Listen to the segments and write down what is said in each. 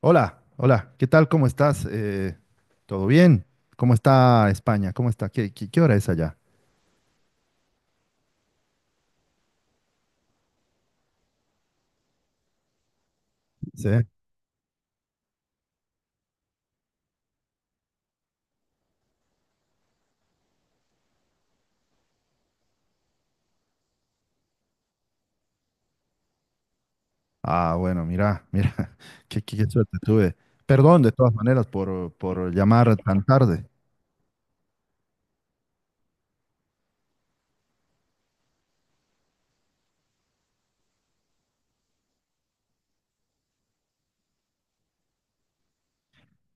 Hola, hola, ¿qué tal? ¿Cómo estás? ¿Todo bien? ¿Cómo está España? ¿Cómo está? ¿Qué hora es allá? ¿Sí? Ah, bueno, mira, mira, qué suerte tuve. Perdón, de todas maneras, por llamar tan tarde.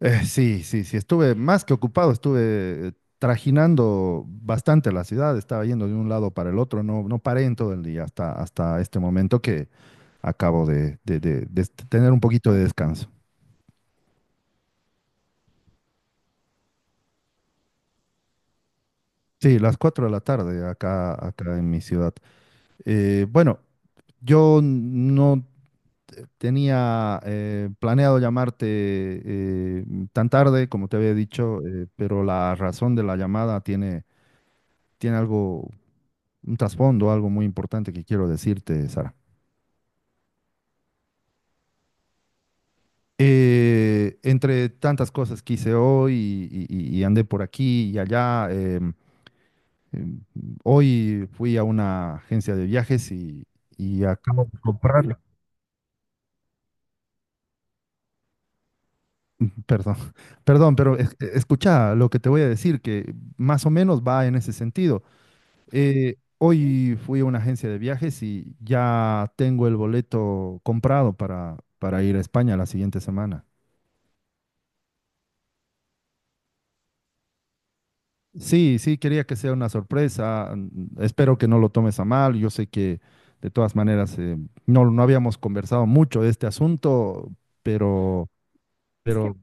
Sí, sí, sí, estuve más que ocupado, estuve trajinando bastante la ciudad, estaba yendo de un lado para el otro, no paré en todo el día hasta este momento que acabo de tener un poquito de descanso. Sí, las 4 de la tarde acá, acá en mi ciudad. Bueno, yo no tenía planeado llamarte eh, tan tarde, como te había dicho, pero la razón de la llamada tiene algo, un trasfondo, algo muy importante que quiero decirte, Sara. Entre tantas cosas que hice hoy y andé por aquí y allá, em, hoy fui a una agencia de viajes y acabo de comprar. Perdón, perdón, pero escucha lo que te voy a decir, que más o menos va en ese sentido. Hoy fui a una agencia de viajes y ya tengo el boleto comprado para ir a España la siguiente semana. Sí, sí, quería que sea una sorpresa. Espero que no lo tomes a mal. Yo sé que de todas maneras no habíamos conversado mucho de este asunto, pero, pero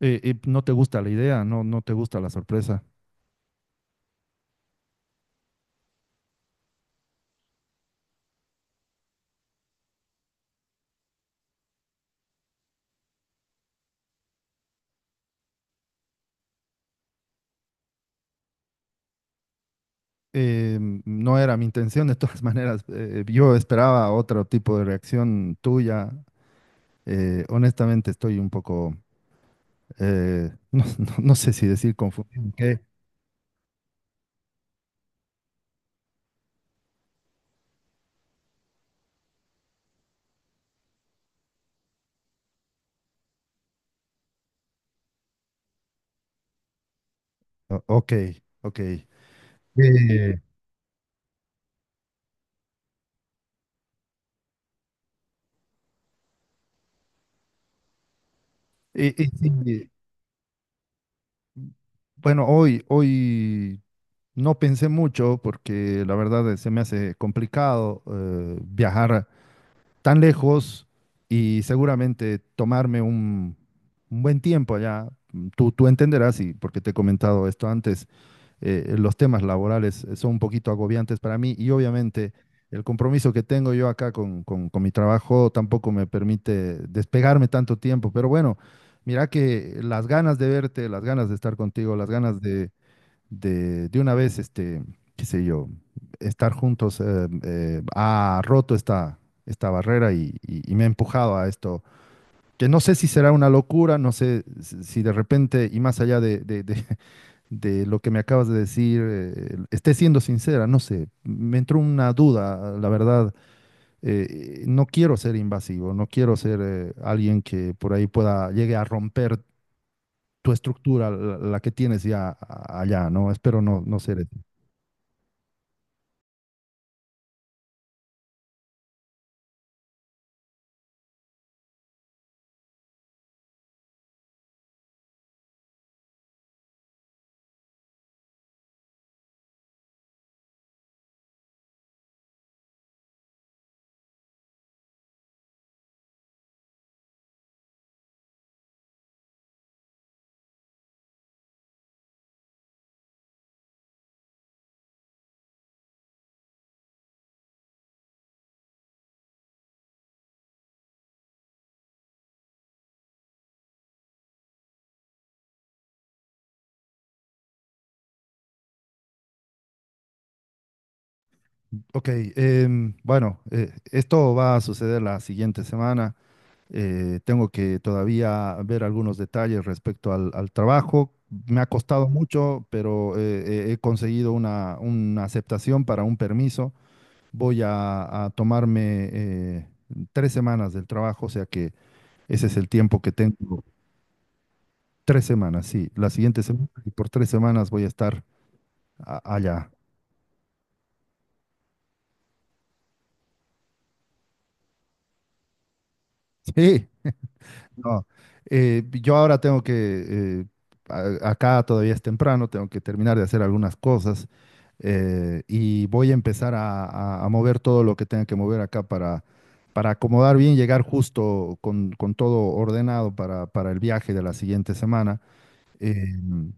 no te gusta la idea, no te gusta la sorpresa. eh, no era mi intención, de todas maneras, yo esperaba otro tipo de reacción tuya. Honestamente, estoy un poco, no sé si decir confundido. ¿Qué? Ok, ok. Eh, y sí, bueno, hoy no pensé mucho porque la verdad se me hace complicado viajar tan lejos y seguramente tomarme un buen tiempo allá. Tú entenderás, y porque te he comentado esto antes, los temas laborales son un poquito agobiantes para mí y obviamente el compromiso que tengo yo acá con mi trabajo tampoco me permite despegarme tanto tiempo, pero bueno, mira que las ganas de verte, las ganas de estar contigo, las ganas de una vez, qué sé yo, estar juntos ha roto esta barrera y me ha empujado a esto, que no sé si será una locura, no sé si de repente, y más allá de lo que me acabas de decir, esté siendo sincera, no sé, me entró una duda, la verdad, no quiero ser invasivo, no quiero ser alguien que por ahí pueda, llegue a romper tu estructura, la que tienes ya allá, ¿no? Espero no ser. Ok. Bueno, esto va a suceder la siguiente semana. Tengo que todavía ver algunos detalles respecto al trabajo. Me ha costado mucho, pero he conseguido una aceptación para un permiso. Voy a tomarme tres semanas del trabajo, o sea que ese es el tiempo que tengo. Tres semanas, sí. La siguiente semana y por tres semanas voy a estar allá. Sí. No, yo ahora tengo que. eh, Acá todavía es temprano, tengo que terminar de hacer algunas cosas y voy a empezar a mover todo lo que tenga que mover acá para acomodar bien, llegar justo con todo ordenado para el viaje de la siguiente semana. Em,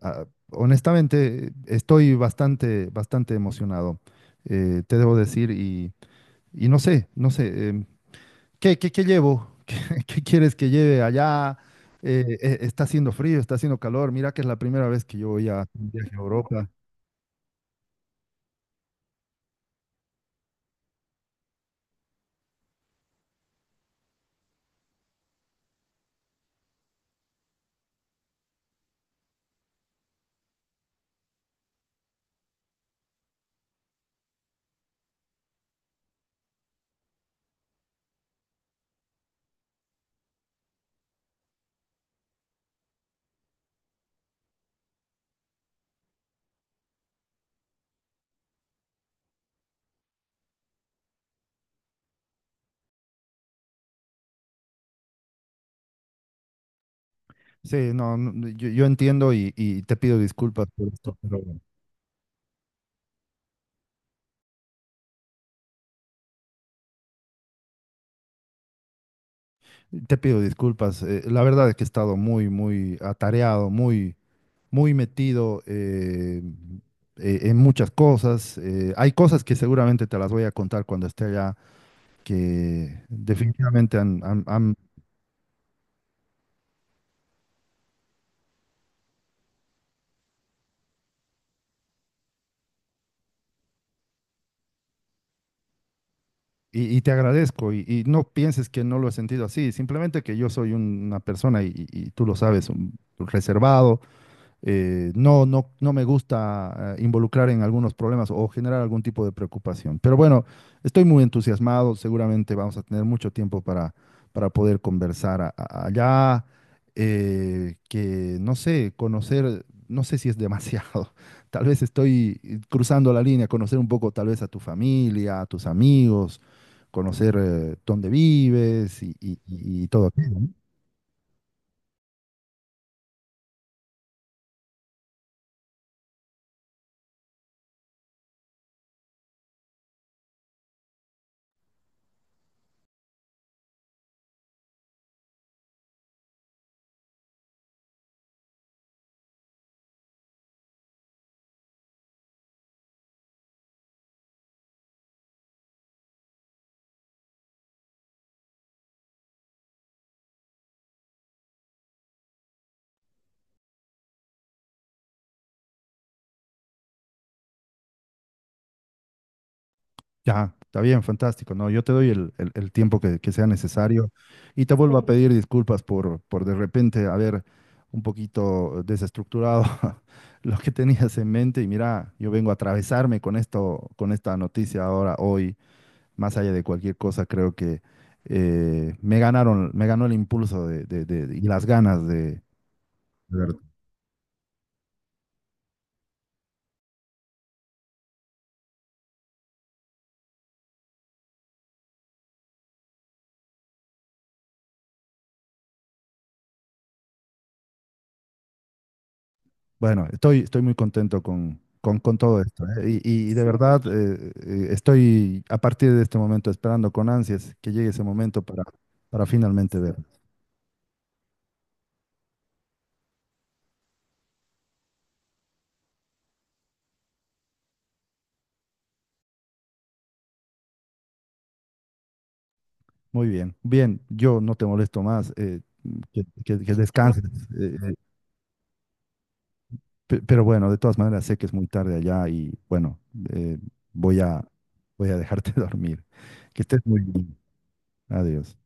ah, honestamente, estoy bastante, bastante emocionado, te debo decir, y no sé, no sé. ¿Qué llevo? ¿Qué quieres que lleve allá? Está haciendo frío, está haciendo calor. Mira que es la primera vez que yo voy a un viaje a Europa. Sí, no, no, no, yo entiendo y te pido disculpas por esto, pero te pido disculpas. La verdad es que he estado muy, muy atareado, muy, muy metido en muchas cosas. Hay cosas que seguramente te las voy a contar cuando esté allá, que definitivamente han. Y te agradezco y no pienses que no lo he sentido así, simplemente que yo soy una persona y tú lo sabes, reservado, no me gusta involucrar en algunos problemas o generar algún tipo de preocupación. Pero bueno, estoy muy entusiasmado, seguramente vamos a tener mucho tiempo para poder conversar allá, que no sé, conocer, no sé si es demasiado, tal vez estoy cruzando la línea, conocer un poco tal vez a tu familia, a tus amigos, conocer dónde vives y todo aquello, ¿no? Ya, está bien, fantástico. No, yo te doy el tiempo que sea necesario y te vuelvo a, sí, pedir disculpas por de repente haber un poquito desestructurado lo que tenías en mente. Y mira, yo vengo a atravesarme con esto, con esta noticia ahora, hoy, más allá de cualquier cosa, creo que me ganaron, me ganó el impulso y las ganas de. Bueno, estoy muy contento con todo esto, ¿eh? Y de verdad estoy a partir de este momento esperando con ansias que llegue ese momento para finalmente ver. Muy bien, bien, yo no te molesto más, que descanses, eh, eh, pero bueno, de todas maneras sé que es muy tarde allá y bueno, eh, voy a, voy a dejarte dormir. Que estés muy bien. Adiós.